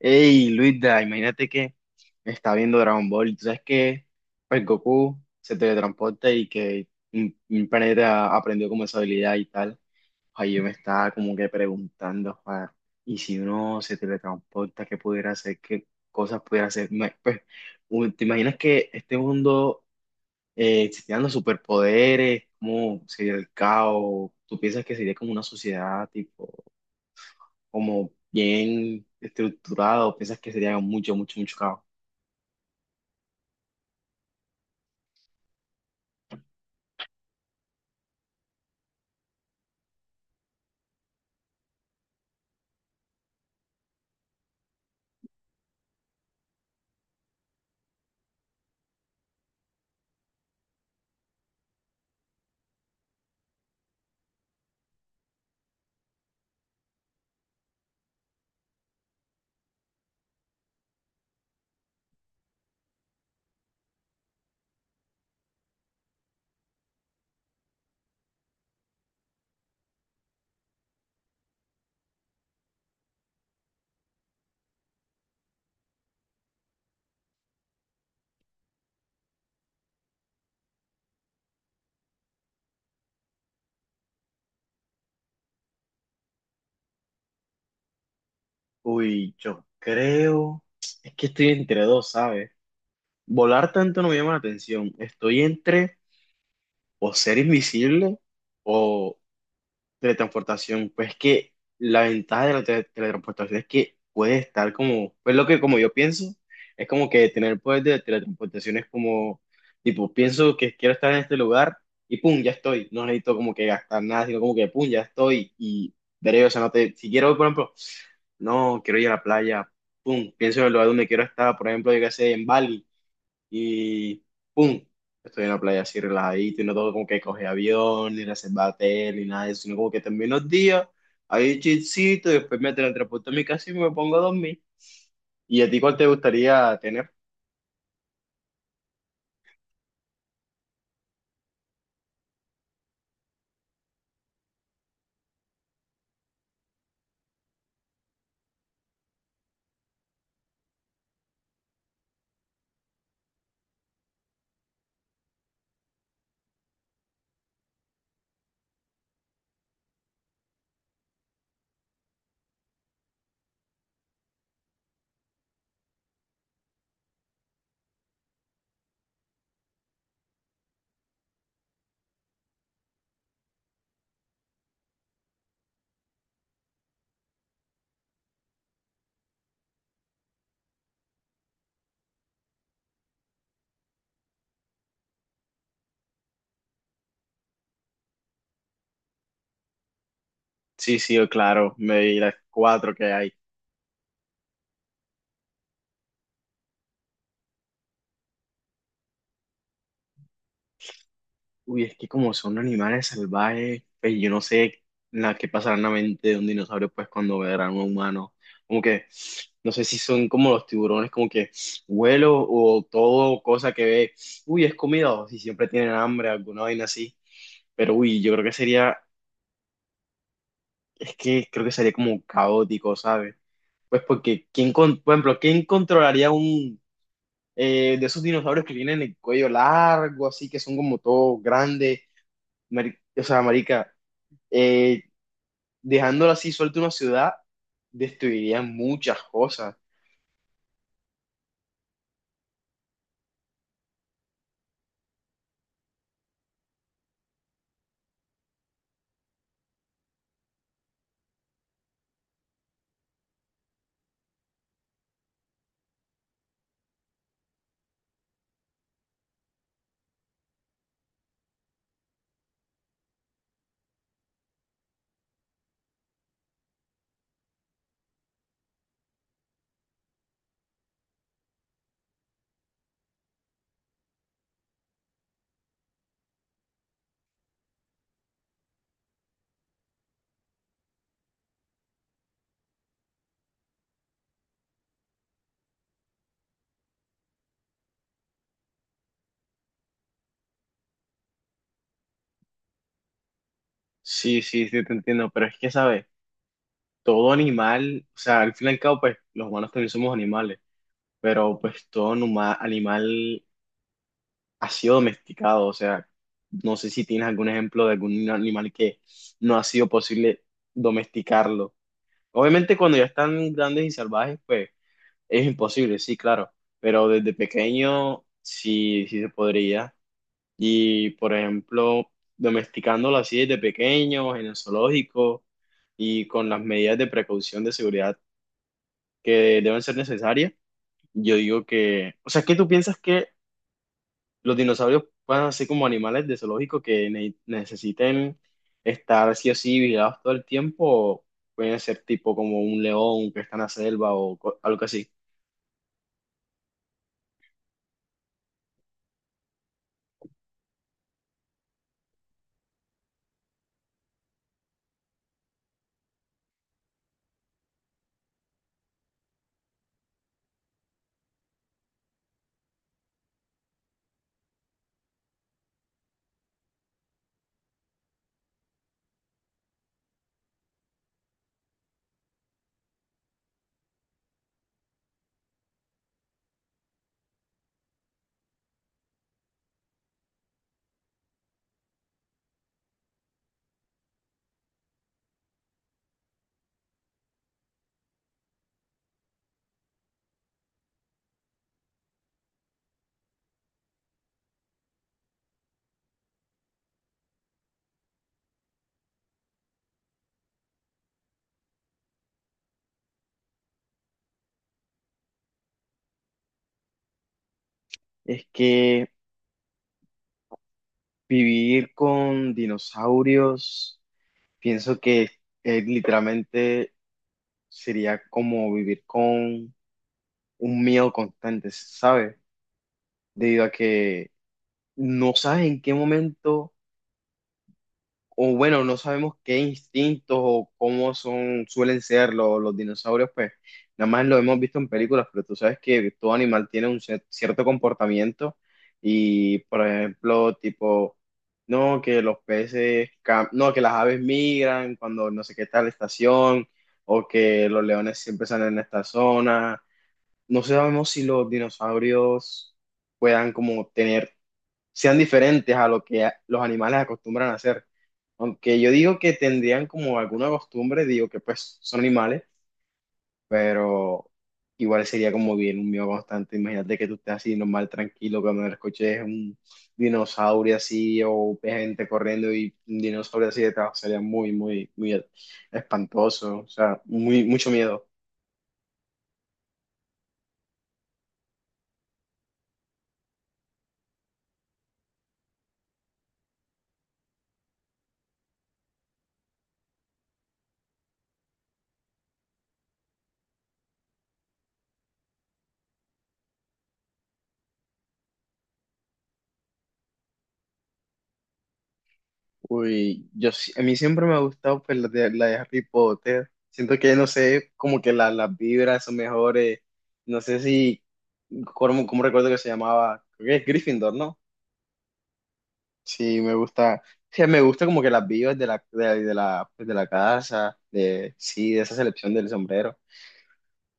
Hey, Luisa, imagínate que me está viendo Dragon Ball y tú sabes que pues Goku se teletransporta y que un planeta aprendió como esa habilidad y tal. Ahí yo me estaba como que preguntando, joder, y si uno se teletransporta, ¿qué pudiera hacer? ¿Qué cosas pudiera hacer? Pues, ¿te imaginas que este mundo existieran los superpoderes? ¿Cómo sería el caos? ¿Tú piensas que sería como una sociedad tipo, como bien estructurado? ¿Piensas que sería mucho, mucho, mucho caos? Uy, yo creo, es que estoy entre dos, ¿sabes? Volar tanto no me llama la atención. Estoy entre o ser invisible o teletransportación. Pues que la ventaja de la teletransportación es que puede estar como, pues lo que como yo pienso, es como que tener poder de teletransportación es como, tipo, pienso que quiero estar en este lugar y pum, ya estoy, no necesito como que gastar nada, sino como que pum, ya estoy y veré, o sea, no te, si quiero, por ejemplo, no, quiero ir a la playa, pum, pienso en el lugar donde quiero estar, por ejemplo, yo qué sé, en Bali y ¡pum! Estoy en la playa así relajadito y no tengo como que coger avión, ni reservar hotel, ni nada de eso, sino como que termino los días ahí chilcito, y después me teletransporto a mi casa y me pongo a dormir. ¿Y a ti cuál te gustaría tener? Sí, sí, claro, me di las cuatro que hay. Uy, es que como son animales salvajes, pues yo no sé la que pasará en la mente de un dinosaurio pues cuando verán a un humano. Como que no sé si son como los tiburones, como que vuelo o todo cosa que ve, uy, es comida, o si siempre tienen hambre, alguna vaina así. Pero uy, yo creo que sería, es que creo que sería como caótico, ¿sabes? Pues porque, ¿quién, con, por ejemplo, ¿quién controlaría un de esos dinosaurios que tienen el cuello largo, así que son como todos grandes? O sea, marica, eh, dejándolo así suelto una ciudad, destruiría muchas cosas. Sí, sí, sí, te entiendo, pero es que, ¿sabes? Todo animal, o sea, al fin y al cabo, pues los humanos también somos animales, pero pues todo animal ha sido domesticado. O sea, no sé si tienes algún ejemplo de algún animal que no ha sido posible domesticarlo. Obviamente cuando ya están grandes y salvajes, pues es imposible, sí, claro, pero desde pequeño sí, sí se podría. Y, por ejemplo, domesticándolo así desde pequeños, en el zoológico y con las medidas de precaución de seguridad que deben ser necesarias, yo digo que, o sea, ¿qué tú piensas, que los dinosaurios puedan ser como animales de zoológico que necesiten estar sí o sí vigilados todo el tiempo? O pueden ser tipo como un león que está en la selva o algo así. Es que vivir con dinosaurios, pienso que es literalmente, sería como vivir con un miedo constante, ¿sabes? Debido a que no sabes en qué momento, o bueno, no sabemos qué instintos o cómo son, suelen ser los dinosaurios. Pues nada más lo hemos visto en películas, pero tú sabes que todo animal tiene un cierto comportamiento y, por ejemplo, tipo. No, que los peces, no, que las aves migran cuando no sé qué tal estación, o que los leones siempre salen en esta zona. No sabemos si los dinosaurios puedan como tener, sean diferentes a lo que los animales acostumbran a hacer. Aunque yo digo que tendrían como alguna costumbre, digo que pues son animales, pero igual sería como bien un miedo constante. Imagínate que tú estés así normal, tranquilo, cuando escuches un dinosaurio así o ves gente corriendo y un dinosaurio así detrás, sería muy, muy, muy espantoso, o sea, muy, mucho miedo. Uy, yo, a mí siempre me ha gustado pues, la de Harry Potter. Siento que, no sé, como que las vibras son mejores. No sé si, ¿cómo, cómo recuerdo que se llamaba? Creo que es Gryffindor, ¿no? Sí, me gusta. Sí, me gusta como que las vibras de la, pues, de la casa, de, sí, de esa selección del sombrero.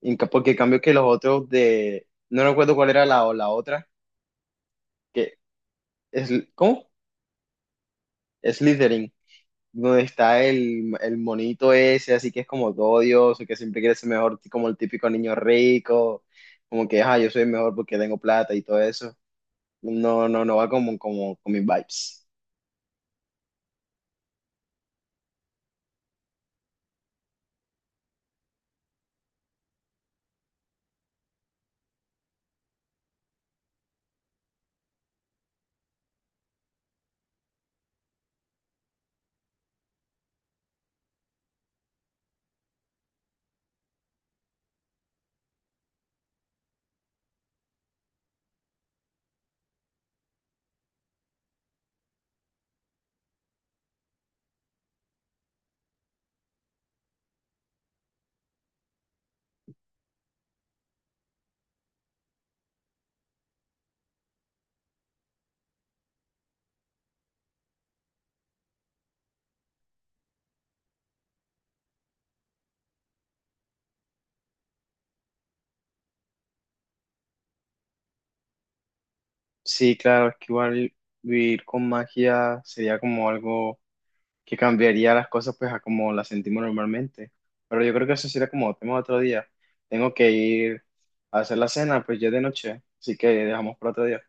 Porque en cambio que los otros de, no recuerdo cuál era la, la otra, que es, ¿cómo? Slytherin, donde está el monito ese, así que es como todo odioso, que siempre quiere ser mejor, como el típico niño rico, como que, ah, yo soy mejor porque tengo plata y todo eso. No, no, no va como, como con mis vibes. Sí, claro, es que igual vivir con magia sería como algo que cambiaría las cosas pues a como las sentimos normalmente. Pero yo creo que eso sería como tema de otro día. Tengo que ir a hacer la cena, pues ya es de noche, así que dejamos para otro día.